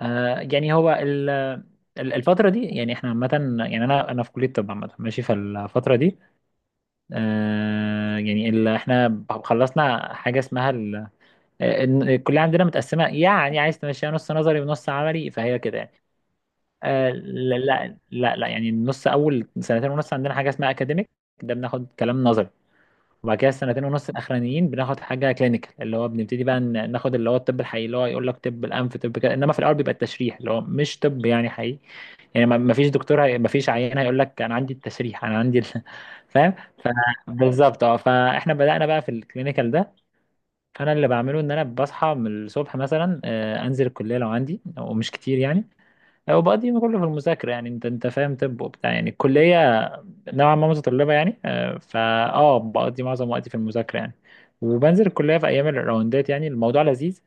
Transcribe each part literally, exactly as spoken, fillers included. آه يعني هو ال- ال- الفترة دي، يعني احنا عامة، يعني انا انا في كلية طب عامة ماشي. فالفترة دي آه يعني ال- احنا خلصنا حاجة اسمها ال- ال- الكلية عندنا متقسمة، يعني عايز تمشيها نص نظري ونص عملي، فهي كده يعني آه لا لا لا لا، يعني النص، اول سنتين ونص عندنا حاجة اسمها اكاديميك، ده بناخد كلام نظري. وبعد كده السنتين ونص الاخرانيين بناخد حاجه كلينيكال، اللي هو بنبتدي بقى ن- ناخد اللي هو الطب الحقيقي، اللي هو يقول لك طب الانف، طب كده. انما في الاول بيبقى التشريح اللي هو مش طب يعني حقيقي. يعني ما ما فيش دكتور هي... ما فيش عيان هيقول لك انا عندي التشريح، انا عندي ال... فاهم. ف- بالظبط. اه، فاحنا بدأنا بقى في الكلينيكال ده. فانا اللي بعمله ان انا بصحى من الصبح مثلا، آه، انزل الكليه لو عندي، ومش كتير يعني. هو بقى دي كله في المذاكرة، يعني انت انت فاهم، طب وبتاع. يعني الكلية نوعا ما متطلبة يعني، آه، فا اه بقضي معظم وقتي في المذاكرة يعني. وبنزل الكلية في أيام الراوندات، يعني الموضوع لذيذ.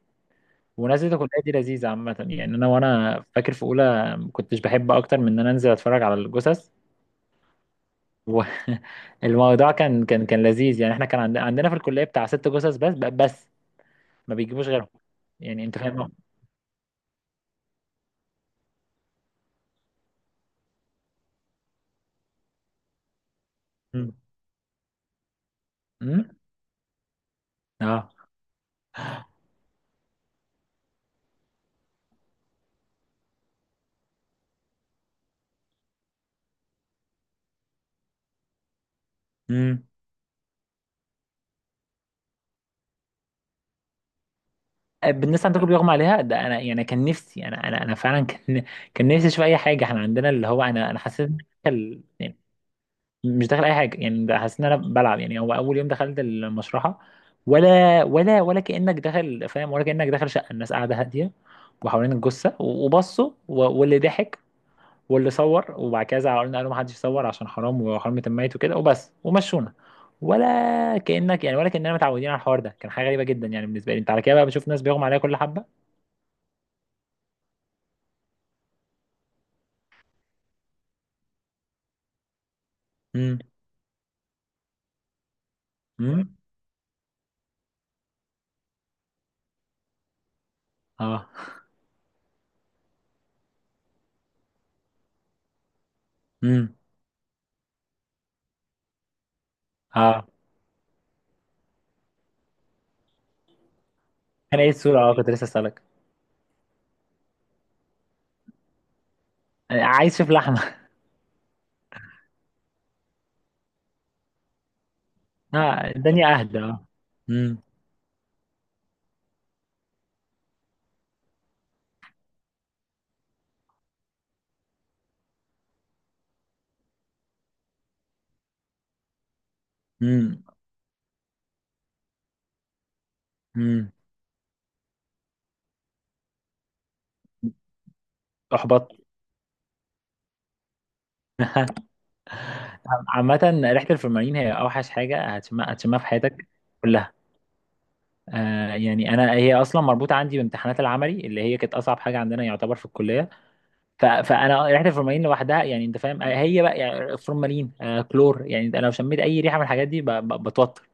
ونزلة الكلية دي لذيذة عامة. يعني أنا وأنا فاكر في أولى ما كنتش بحب أكتر من إن أنا أنزل أتفرج على الجثث. والموضوع كان كان كان لذيذ يعني. إحنا كان عند- عندنا في الكلية بتاع ست جثث بس بس، ما بيجيبوش غيرهم. يعني أنت فاهم. مم. مم؟ اه. مم. بالناس عندكم بيغمى عليها؟ ده انا يعني كان نفسي، انا انا انا فعلا كان كان نفسي اشوف اي حاجه. احنا عندنا اللي هو، انا انا حسيت إن أنا داخل- يعني مش داخل اي حاجه يعني. ده حسيت ان انا بلعب، يعني هو اول يوم دخلت المشرحه، ولا ولا ولا كانك داخل، فاهم؟ ولا كانك داخل شقه، الناس قاعده هاديه وحوالين الجثه وبصوا و- واللي ضحك واللي صور، وبعد كده زعلوا قالوا ما حدش يصور عشان حرام وحرمه الميت وكده، وبس ومشونا. ولا كانك يعني ولا كاننا متعودين على الحوار ده. كان حاجه غريبه جدا يعني بالنسبه لي. انت على كده بقى بشوف ناس بيغمى عليها كل حبه. امم. امم. اه. امم. اه، كان ايه السورة؟ اه، كنت لسه اسالك. عايز اشوف لحمه. اه، الدنيا اهدى، اه. امم. امم. امم. احبط. عامة ريحة الفورمالين هي اوحش حاجة هتشمها، هتشمها في حياتك كلها. آه يعني انا، هي اصلا مربوطة عندي بامتحانات العملي اللي هي كانت اصعب حاجة عندنا يعتبر في الكلية. ف... فانا ريحة الفورمالين لوحدها، يعني انت فاهم، آه، هي بقى يعني فورمالين، آه كلور. يعني انا لو شميت اي ريحة من الحاجات دي ب... ب... بتوتر.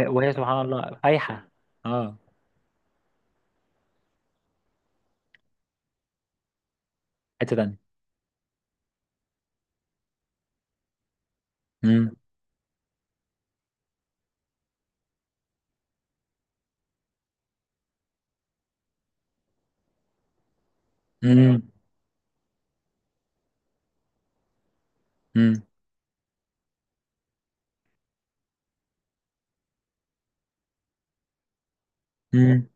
وهي سبحان الله فايحة. اه، حتة تانية. مم. مم. مم. مم.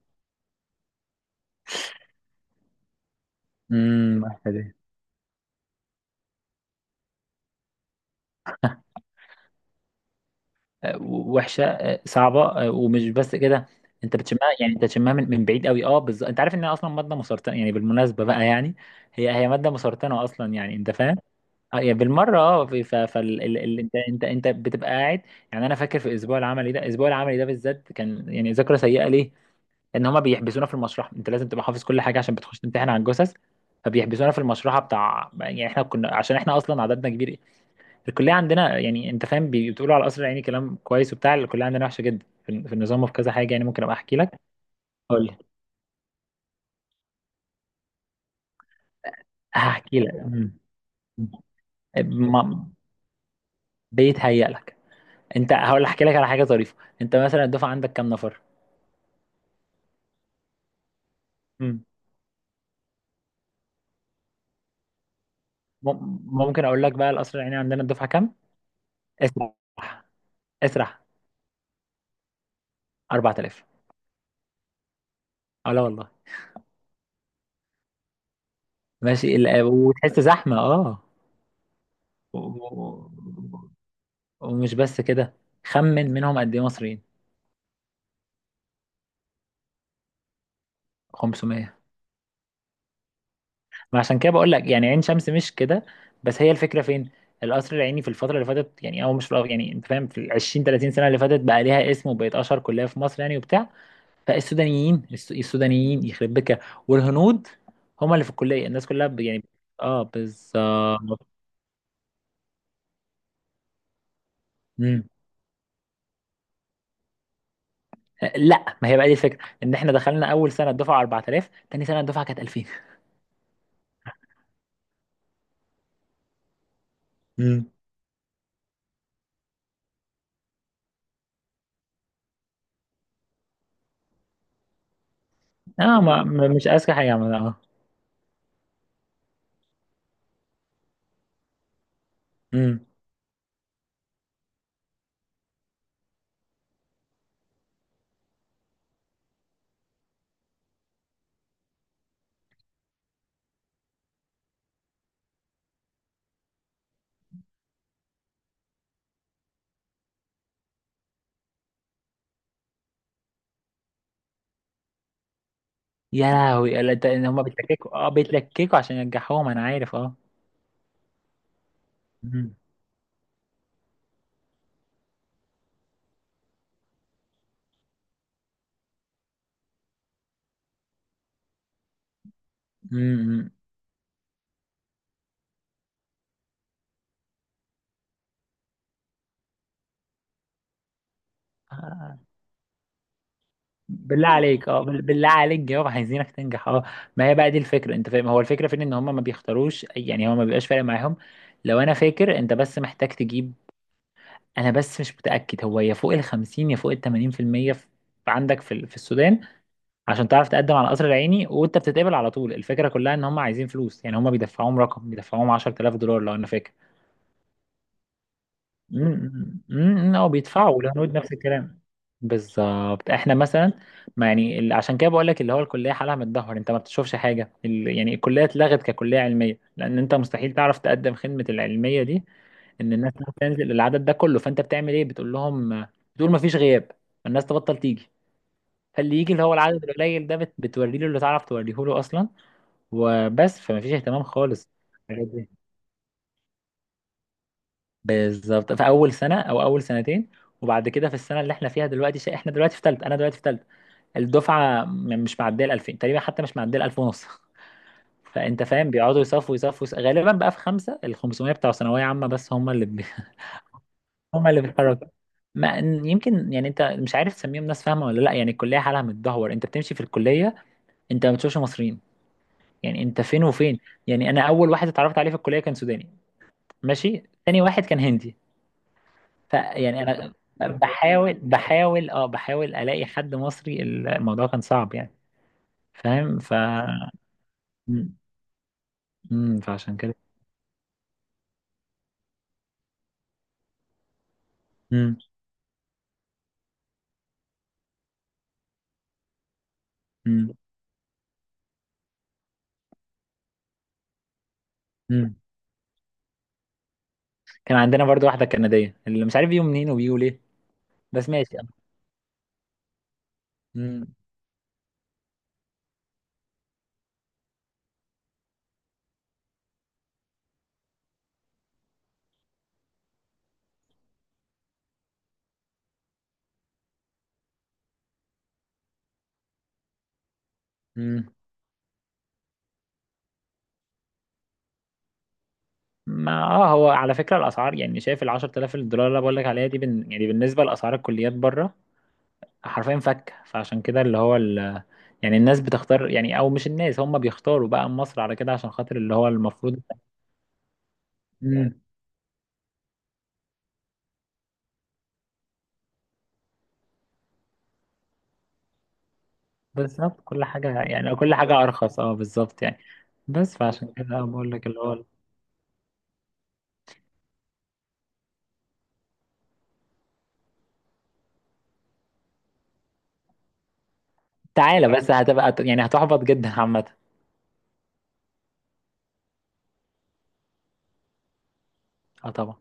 مم. وحشة دي. آه، وحشة، آه، صعبة. آه، ومش بس كده، انت بتشمها، يعني انت بتشمها من, من بعيد قوي. اه، بالظبط. انت عارف انها اصلا مادة مسرطنة يعني، بالمناسبة بقى يعني، هي هي مادة مسرطنة اصلا، يعني انت فاهم. اه، يعني بالمرة، اه، في- ف فال ال... ال... انت انت انت بتبقى قاعد. يعني انا فاكر في الاسبوع العملي ده، الاسبوع العملي ده بالذات كان يعني ذاكرة سيئة ليه؟ لان هما بيحبسونا في المشرحة، انت لازم تبقى حافظ كل حاجة عشان بتخش تمتحن على الجثث. فبيحبسونا في المشرحه بتاع. يعني احنا كنا، عشان احنا اصلا عددنا كبير. الكليه عندنا، يعني انت فاهم، بي- بتقولوا على القصر العيني كلام كويس وبتاع، الكليه عندنا وحشه جدا في ال- في النظام وفي كذا حاجه يعني. ممكن ابقى احكي لك، هقول لك، هحكي لك. مم. ما- بيتهيأ لك. انت، هقول احكي لك على حاجه طريفه. انت مثلا الدفعه عندك كام نفر؟ مم. مم. ممكن اقول لك بقى القصر العيني عندنا الدفعه كام؟ اسرح، اسرح. أربعة آلاف. اه، لا والله. ماشي، ال- وتحس زحمه، اه. و- و- ومش بس كده، خمن منهم قد ايه مصريين. خمسمية. ما عشان كده بقول لك، يعني عين شمس مش كده. بس هي الفكره فين؟ القصر العيني في الفتره اللي فاتت، يعني او مش في الأ- يعني انت فاهم، في ال العشرين تلاتين سنه اللي فاتت بقى ليها اسم، وبقت اشهر كليه في مصر يعني وبتاع. فالسودانيين، الس- السودانيين يخرب بك، والهنود، هما اللي في الكليه، الناس كلها ب- يعني. اه، بالظبط. مم. لا، ما هي بقى دي الفكره، ان احنا دخلنا اول سنه الدفعه أربعة آلاف، تاني سنه الدفعه كانت ألفين. امم. اه، ما ما- مش اذكى حاجه عملها، اه. امم. يا لهوي. لا، ده- ان هم بيتلككوا، اه بيتلككوا عشان ينجحوهم، انا عارف، اه. مم. مم. آه، بالله عليك، اه، بال- بالله عليك جاوب، عايزينك تنجح، اه. ما هي بقى دي الفكره، انت فاهم، هو الفكره فين، ان هم ما بيختاروش يعني، هو ما بيبقاش فارق معاهم. لو انا فاكر، انت بس محتاج تجيب. انا بس مش متاكد، هو يا فوق ال الخمسين يا فوق ال تمانين في المية في المية، في عندك في ال- في السودان، عشان تعرف تقدم على القصر العيني، وانت بتتقبل على طول. الفكره كلها ان هم عايزين فلوس، يعني هم بيدفعوهم رقم، بيدفعوهم عشرة آلاف دولار لو انا فاكر. امم. امم. او بيدفعوا الهنود نفس الكلام. بالظبط. احنا مثلا، ما يعني ال- عشان كده بقول لك اللي هو الكليه حالها متدهور. انت ما بتشوفش حاجه ال- يعني الكليه اتلغت ككليه علميه. لان انت مستحيل تعرف تقدم خدمه العلميه دي، ان الناس تنزل العدد ده كله. فانت بتعمل ايه؟ بتقول لهم بتقول ما فيش غياب، الناس تبطل تيجي. فاللي يجي اللي هو العدد القليل ده، بت- بتوري له اللي تعرف توريه له اصلا، وبس. فما فيش اهتمام خالص. بالظبط. في اول سنه او اول سنتين، وبعد كده في السنه اللي احنا فيها دلوقتي، ش... احنا دلوقتي في ثالثه، انا دلوقتي في ثالثه، الدفعه م- مش معديه ال الألفين تقريبا، حتى مش معديه ال الألف ونص. فانت فاهم، بيقعدوا يصفوا يصفوا يص- غالبا بقى في خمسه ال الخمسمية بتوع ثانويه عامه، بس هم اللي بي... هم اللي بيتحركوا. ما يمكن يعني انت مش عارف تسميهم ناس فاهمه ولا لا، يعني الكليه حالها متدهور. انت بتمشي في الكليه، انت ما بتشوفش مصريين، يعني انت فين وفين. يعني انا اول واحد اتعرفت عليه في الكليه كان سوداني، ماشي، تاني واحد كان هندي. فيعني انا بحاول بحاول اه، بحاول الاقي حد مصري، الموضوع كان صعب يعني. فاهم؟ ف مم. مم. فعشان كده. مم. مم. مم. كان عندنا برضو واحده كنديه اللي مش عارف بيو منين وبيو ليه، بس ماشي يعني. مم. مم. ما اه، هو على فكره الاسعار، يعني شايف ال العشرة آلاف الدولار اللي بقول لك عليها دي بن... يعني بالنسبه لاسعار الكليات بره، حرفيا فكه. فعشان كده اللي هو ال... يعني الناس بتختار، يعني او مش الناس هم بيختاروا بقى مصر على كده، عشان خاطر اللي هو المفروض. مم. بالظبط كل حاجة، يعني كل حاجة أرخص، اه بالظبط يعني. بس فعشان كده بقول لك اللي هو، تعالى بس هتبقى يعني هتحبط جدا عامة. اه طبعا.